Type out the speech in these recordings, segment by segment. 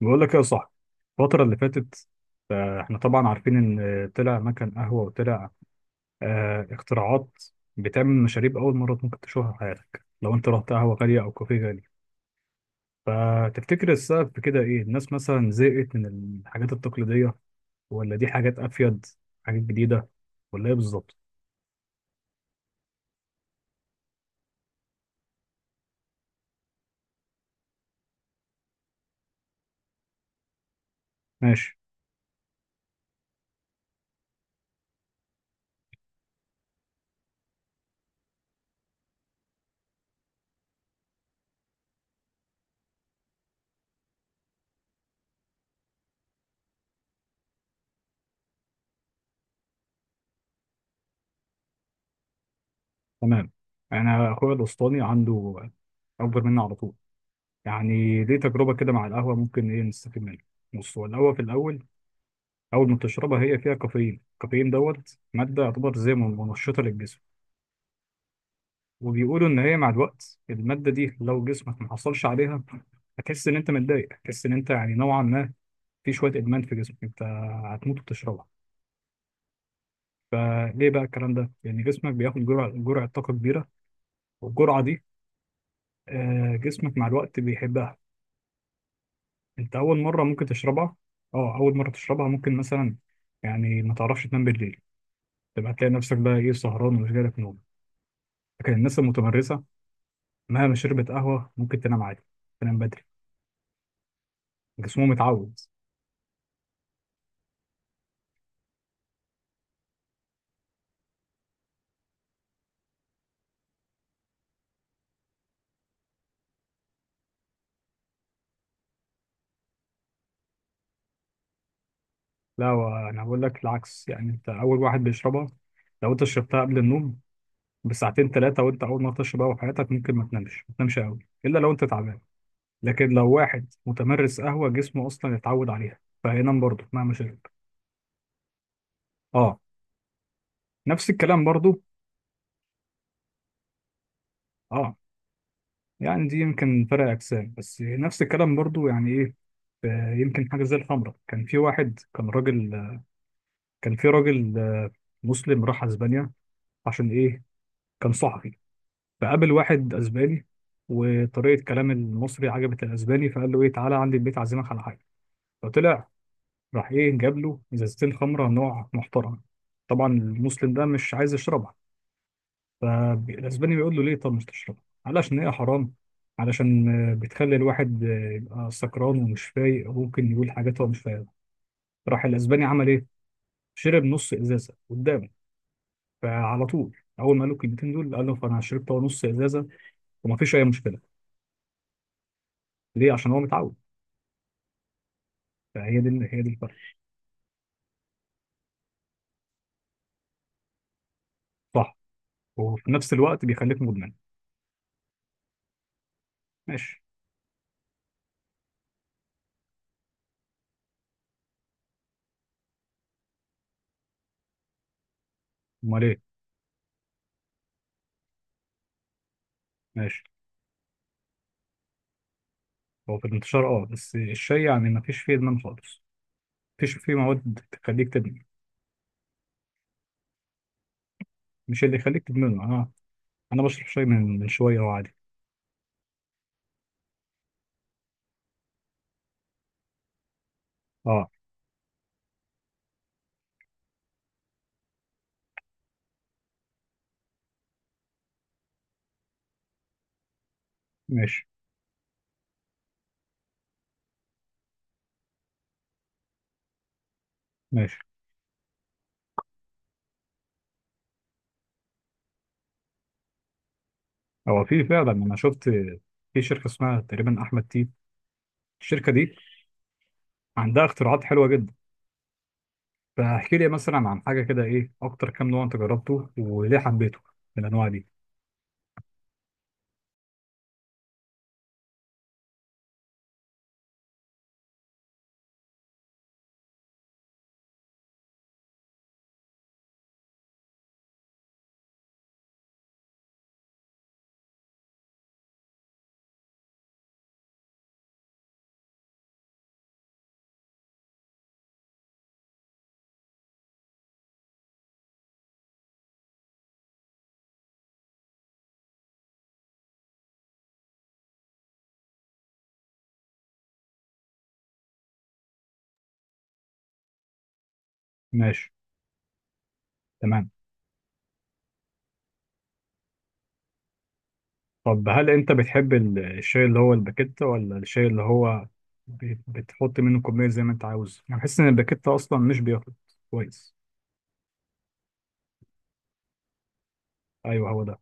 بقول لك إيه يا صاحبي. الفترة اللي فاتت، احنا طبعا عارفين ان طلع مكان قهوة وطلع اختراعات بتعمل مشاريب أول مرة ممكن تشوفها في حياتك لو انت رحت قهوة غالية أو كافيه غالي. فتفتكر السبب في كده ايه؟ الناس مثلا زهقت من الحاجات التقليدية، ولا دي حاجات أفيد، حاجات جديدة، ولا ايه بالظبط؟ ماشي. تمام. أنا أخويا الأسطاني عنده، أكبر مني على طول، يعني ليه تجربة كده مع القهوة، ممكن ايه نستفيد منها؟ بص، هو القهوة في الأول، اول ما تشربها هي فيها كافيين. الكافيين دوت ماده يعتبر زي ما منشطه للجسم. وبيقولوا ان هي مع الوقت الماده دي لو جسمك ما حصلش عليها، هتحس ان انت متضايق، هتحس ان انت يعني نوعا ما في شويه ادمان في جسمك، انت هتموت وتشربها. فليه بقى الكلام ده؟ لان جسمك بياخد جرعه طاقه كبيره، والجرعه دي، جسمك مع الوقت بيحبها. انت اول مره ممكن تشربها. اه، اول مره تشربها ممكن مثلا يعني ما تعرفش تنام بالليل، تبقى تلاقي نفسك بقى ايه سهران ومش جالك نوم. لكن الناس المتمرسه، مهما شربت قهوة ممكن تنام عادي، تنام بدري، جسمه متعود. لا، هو أنا بقول لك العكس. يعني أنت أول واحد بيشربها، لو أنت شربتها قبل النوم بساعتين ثلاثة، وأنت أول ما تشرب قهوة في حياتك، ممكن ما تنامش قوي، إلا لو أنت تعبان. لكن لو واحد متمرس قهوة، جسمه أصلا اتعود عليها، فهينام برضه مهما شرب. أه، نفس الكلام برضه. أه، يعني دي يمكن فرق أجسام، بس نفس الكلام برضه. يعني إيه؟ يمكن حاجة زي الخمرة. كان في واحد، كان راجل، كان في راجل مسلم راح اسبانيا. عشان ايه؟ كان صحفي، فقابل واحد اسباني، وطريقه كلام المصري عجبت الاسباني، فقال له ايه، تعالى عندي البيت عازمك على حاجه. فطلع، راح ايه، جاب له ازازتين خمره نوع محترم. طبعا المسلم ده مش عايز يشربها. فالاسباني بيقول له ليه؟ طب مش تشربها علشان هي حرام، علشان بتخلي الواحد يبقى سكران ومش فايق، وممكن يقول حاجات هو مش فاهمها. راح الاسباني عمل ايه؟ شرب نص ازازه قدامه. فعلى طول، اول ما قالوا الكلمتين دول، قال له فانا شربت هو نص ازازه وما فيش اي مشكله. ليه؟ عشان هو متعود. فهي دي، هي دي الفرق. صح، وفي نفس الوقت بيخليك مدمن. ماشي. امال ايه؟ ماشي. هو في الانتشار اه، بس الشاي يعني ما فيش فيه ادمان خالص، ما فيش فيه مواد تخليك تدمن، مش اللي يخليك تدمنه. انا انا بشرب شاي من شويه، هو عادي. اه. ماشي. ماشي. هو في فعلا، انا شفت في شركه اسمها تقريبا احمد تي. الشركه دي عندها اختراعات حلوه جدا. فاحكي لي مثلا عن حاجه كده، ايه اكتر كام نوع انت جربته، وليه حبيته من الانواع دي؟ ماشي. تمام. طب هل انت بتحب الشاي اللي هو الباكيت، ولا الشاي اللي هو بتحط منه كميه زي ما انت عاوز؟ انا بحس ان الباكيت اصلا مش بياخد. كويس. ايوه، هو ده.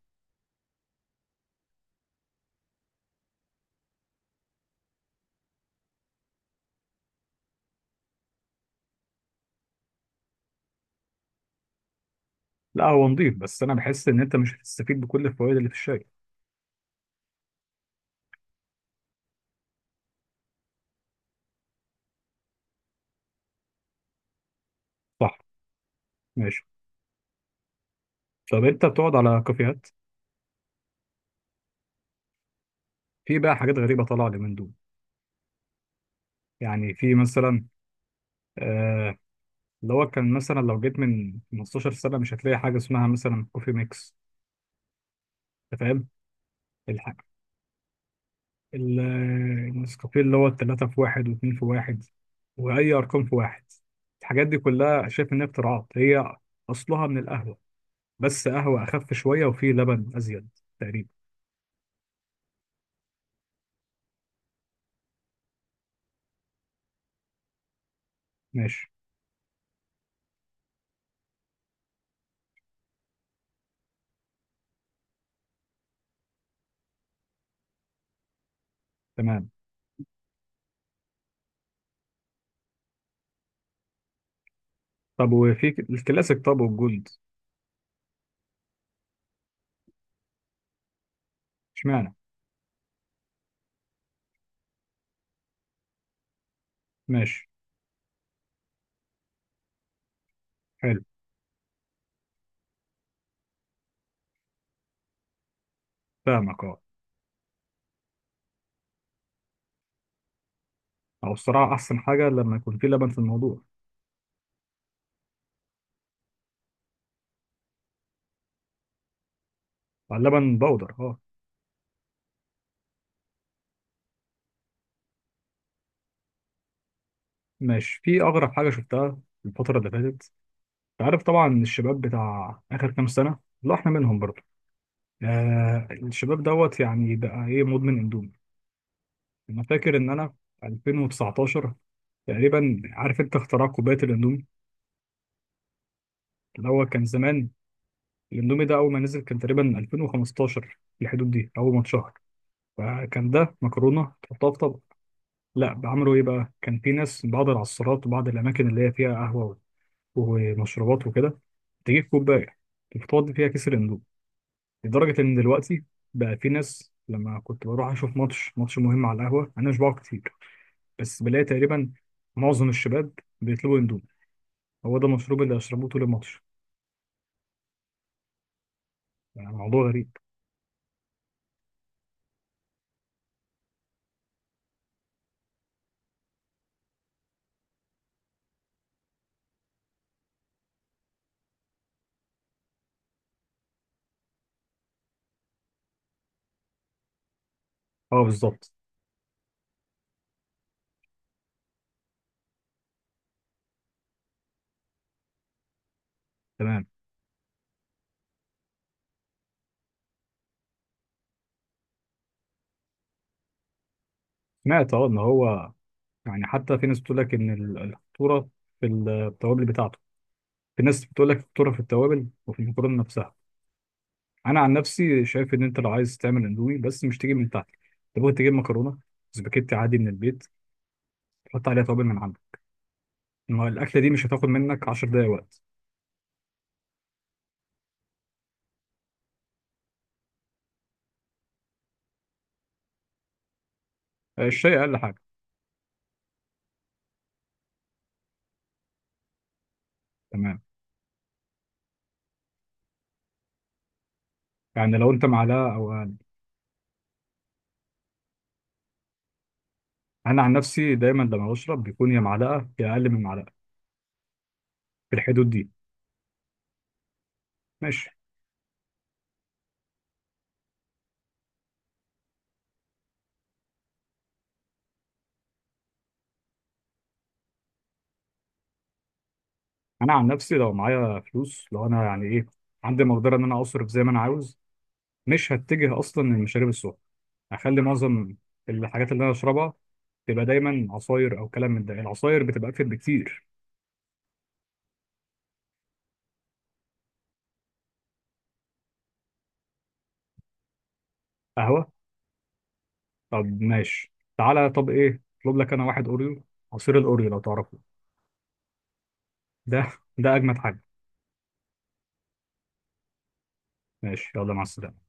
لا، هو نضيف، بس انا بحس ان انت مش هتستفيد بكل الفوائد اللي في الشاي. صح. ماشي. طب انت بتقعد على كافيهات؟ في بقى حاجات غريبه طالعه اليومين دول. يعني في مثلا، آه، اللي هو كان مثلا لو جيت من 15 سنة مش هتلاقي حاجة اسمها مثلا كوفي ميكس. أنت فاهم؟ الحاجة ال- النسكافيه اللي هو التلاتة في واحد واتنين في واحد، وأي أرقام في واحد. الحاجات دي كلها شايف إنها اختراعات. هي أصلها من القهوة، بس قهوة أخف شوية وفيه لبن أزيد تقريبا. ماشي. تمام. طب وفي الكلاسيك، طب والجولد. اشمعنى؟ ماشي. حلو. فاهمك أه، أو الصراحة أحسن حاجة لما يكون فيه لبن في الموضوع. اللبن بودر اه. ماشي. في أغرب حاجة شفتها الفترة اللي فاتت. أنت عارف طبعا الشباب بتاع آخر كام سنة، لا إحنا منهم برضه، آه الشباب دوت يعني بقى إيه، مدمن أندومي. أنا فاكر إن أنا في 2019 تقريبا، عارف أنت اختراع كوباية الأندومي؟ اللي هو كان زمان، الأندومي ده أول ما نزل كان تقريبا 2015 في الحدود دي، أول ما اتشهر فكان ده مكرونة تحطها في طبق. لا، بعملوا إيه بقى، كان في ناس من بعض العصارات وبعض الأماكن اللي هي فيها قهوة ومشروبات وكده، تجيب كوباية تفضي فيها كيس الاندومي. لدرجة إن دلوقتي بقى في ناس، لما كنت بروح أشوف ماتش مهم على القهوة، أنا مش بقعد كتير، بس بلاقي تقريبا معظم الشباب بيطلبوا اندومي، هو ده المشروب اللي أشربوه طول الماتش. يعني موضوع غريب. أه، بالظبط. تمام. سمعت أه إن هو يعني، حتى في ناس بتقول لك إن الخطورة في التوابل بتاعته، في ناس بتقول لك الخطورة في التوابل وفي المكرونة نفسها. أنا عن نفسي شايف إن أنت لو عايز تعمل اندومي، بس مش تجيب من تحت، تبغى تجيب مكرونة سباكيتي عادي من البيت، حط عليها توابل من عندك. ما الاكله دي مش هتاخد منك 10 دقايق وقت. الشاي اقل حاجه. تمام. يعني لو انت معلقه او اقل، انا عن نفسي دايما لما بشرب بيكون يا معلقه يا اقل من معلقه، في الحدود دي. ماشي. انا عن نفسي لو معايا فلوس، لو انا يعني ايه، عندي مقدره ان انا اصرف زي ما انا عاوز، مش هتجه اصلا للمشاريب السخنه. هخلي معظم الحاجات اللي انا اشربها تبقى دايما عصاير، او كلام من ده، العصاير بتبقى اكتر بكتير. قهوه. طب ماشي. تعالى، طب ايه، اطلب لك انا واحد اوريو، عصير الاوريو لو تعرفه. ده ده اجمد حاجه. ماشي، يلا، مع السلامه.